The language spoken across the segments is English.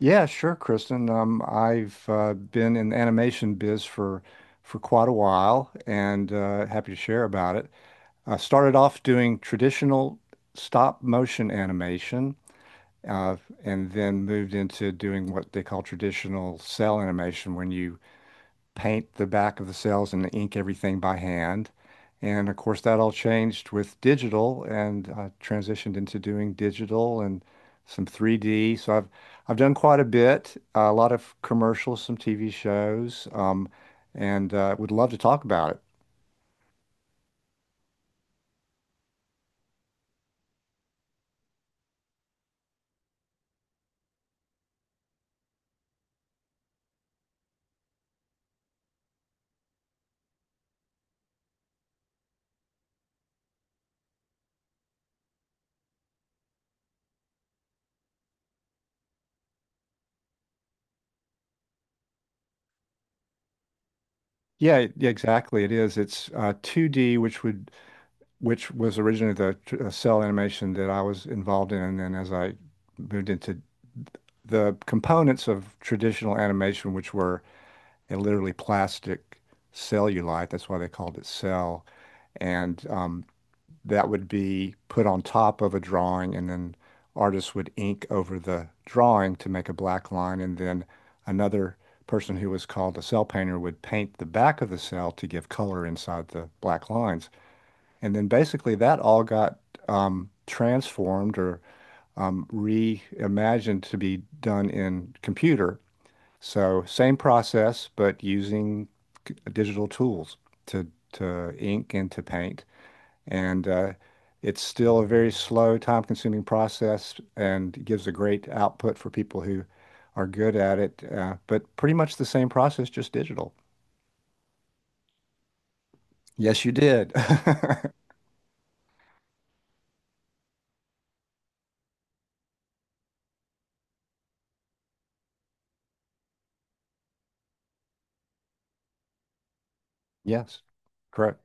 Yeah, sure, Kristen. I've been in the animation biz for quite a while, and happy to share about it. I started off doing traditional stop motion animation, uh, and then moved into doing what they call traditional cell animation, when you paint the back of the cells and ink everything by hand. And of course, that all changed with digital and transitioned into doing digital and some 3D. So I've done quite a bit, a lot of commercials, some TV shows, and would love to talk about it. Yeah, yeah, exactly. It is. It's 2D, which was originally the cell animation that I was involved in, and then as I moved into the components of traditional animation, which were and literally plastic cellulite. That's why they called it cell. And That would be put on top of a drawing, and then artists would ink over the drawing to make a black line. And then another person who was called a cell painter would paint the back of the cell to give color inside the black lines. And then basically that all got transformed or reimagined to be done in computer, so same process, but using digital tools to to ink and to paint. And it's still a very slow, time-consuming process and gives a great output for people who are good at it. But pretty much the same process, just digital. Yes, you did. Yes, correct.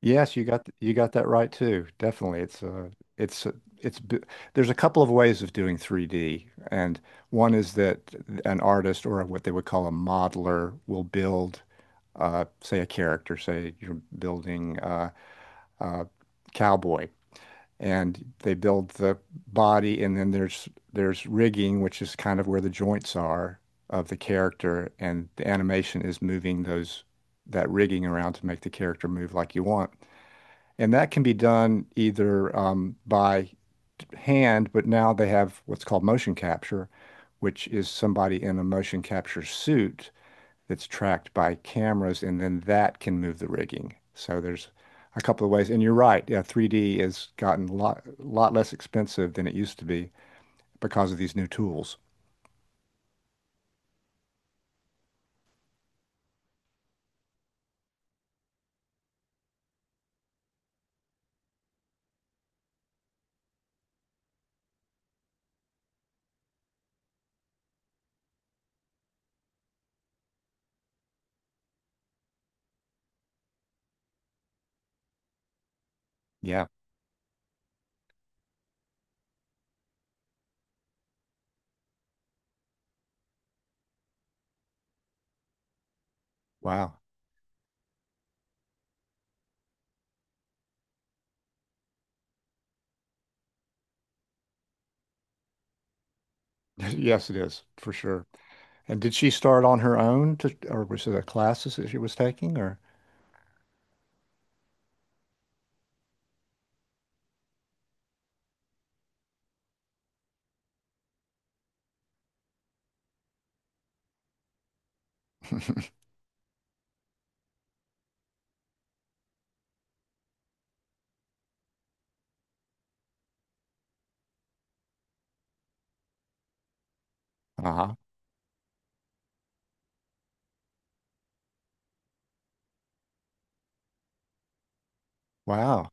Yes, you got you got that right too. Definitely, it's uh, it's b- there's a couple of ways of doing 3D, and one is that an artist or what they would call a modeler will build, say a character. Say you're building a cowboy, and they build the body, and then there's rigging, which is kind of where the joints are of the character, and the animation is moving those that rigging around to make the character move like you want. And that can be done either by hand, but now they have what's called motion capture, which is somebody in a motion capture suit that's tracked by cameras, and then that can move the rigging. So there's a couple of ways. And you're right, yeah, 3D has gotten a lot, lot less expensive than it used to be because of these new tools. Yeah. Wow. Yes, it is for sure. And did she start on her own to, or was it a classes that she was taking or? Uh-huh. Wow.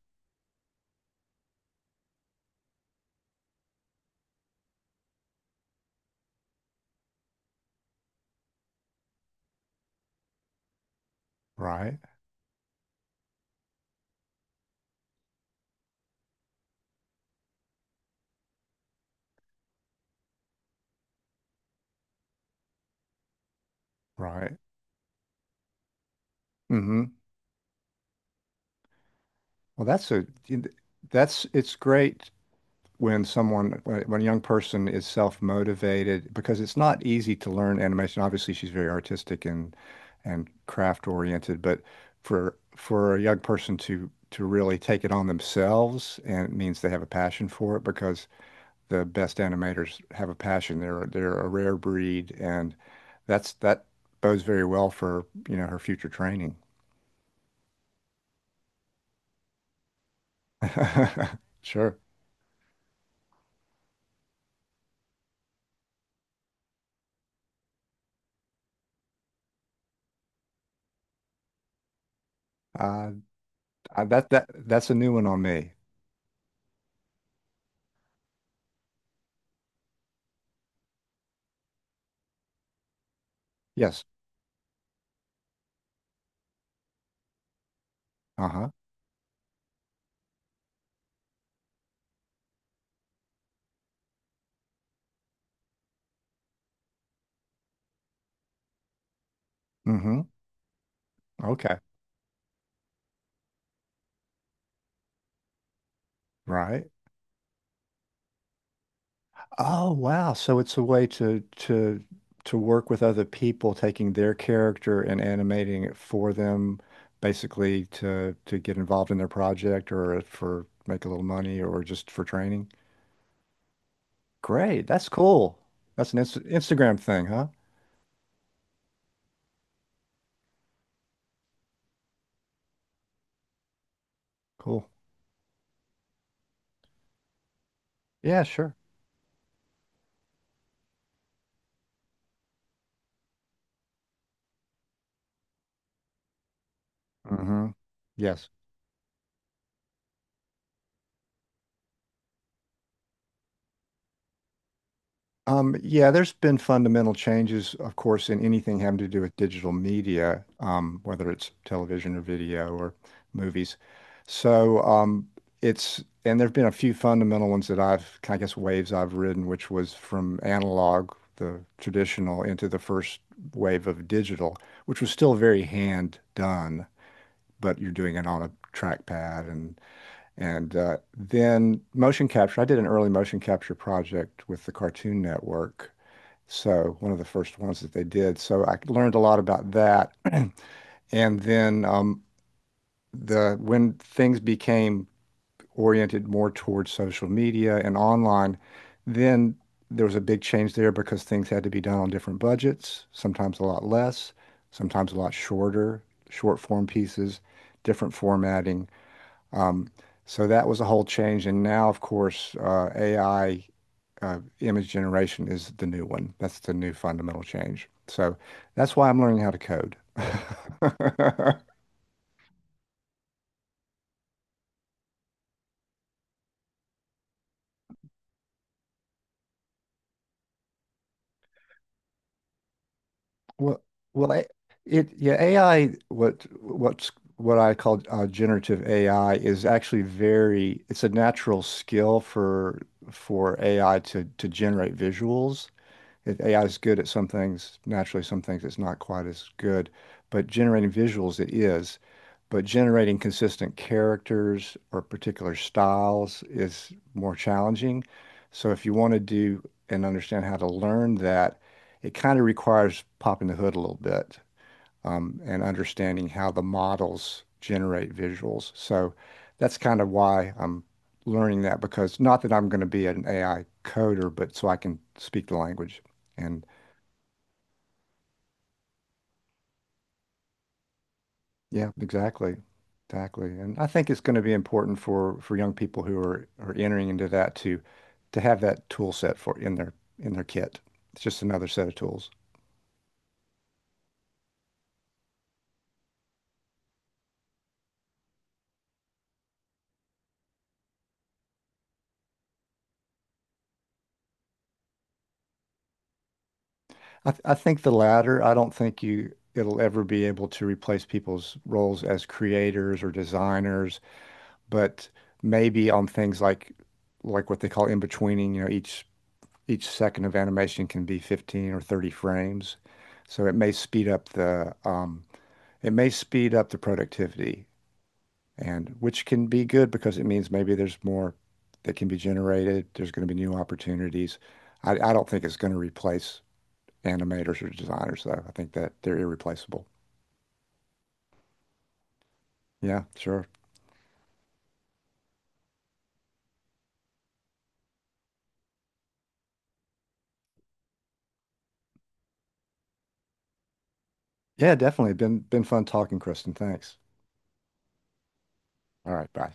Right, right. Hmm. Well, that's it's great when someone when a young person is self-motivated, because it's not easy to learn animation. Obviously, she's very artistic and craft oriented, but for a young person to really take it on themselves, and it means they have a passion for it, because the best animators have a passion. They're a rare breed, and that bodes very well for, you know, her future training. Sure. Uh, that that's a new one on me. Yes. Uh-huh. Mm-hmm. Okay. Right. Oh, wow. So it's a way to work with other people, taking their character and animating it for them, basically to get involved in their project or for make a little money or just for training. Great. That's cool. That's an Instagram thing, huh? Cool. Yeah, sure. Mm-hmm. Yes. Yeah, there's been fundamental changes, of course, in anything having to do with digital media, whether it's television or video or movies. So um, and there have been a few fundamental ones that I've, I guess, waves I've ridden, which was from analog, the traditional, into the first wave of digital, which was still very hand done, but you're doing it on a trackpad and and then motion capture. I did an early motion capture project with the Cartoon Network, so one of the first ones that they did. So I learned a lot about that. And then the when things became oriented more towards social media and online, then there was a big change there because things had to be done on different budgets, sometimes a lot less, sometimes a lot shorter, short form pieces, different formatting. Um, so that was a whole change. And now, of course, AI image generation is the new one. That's the new fundamental change. So that's why I'm learning how to code. Well, well, I, it yeah, AI. What's what I call generative AI is actually very. It's a natural skill for AI to generate visuals. AI is good at some things. Naturally, some things it's not quite as good, but generating visuals it is. But generating consistent characters or particular styles is more challenging. So if you want to do and understand how to learn that, it kind of requires popping the hood a little bit, and understanding how the models generate visuals. So that's kind of why I'm learning that, because not that I'm going to be an AI coder, but so I can speak the language. And yeah, exactly. Exactly. And I think it's going to be important for young people who are entering into that to have that tool set for in their kit. It's just another set of tools. I think the latter. I don't think you it'll ever be able to replace people's roles as creators or designers, but maybe on things like what they call in-betweening, you know, each second of animation can be 15 or 30 frames. So it may speed up the productivity, and which can be good because it means maybe there's more that can be generated. There's going to be new opportunities. I don't think it's going to replace animators or designers though. I think that they're irreplaceable. Yeah, sure. Yeah, definitely. Been fun talking, Kristen. Thanks. All right, bye.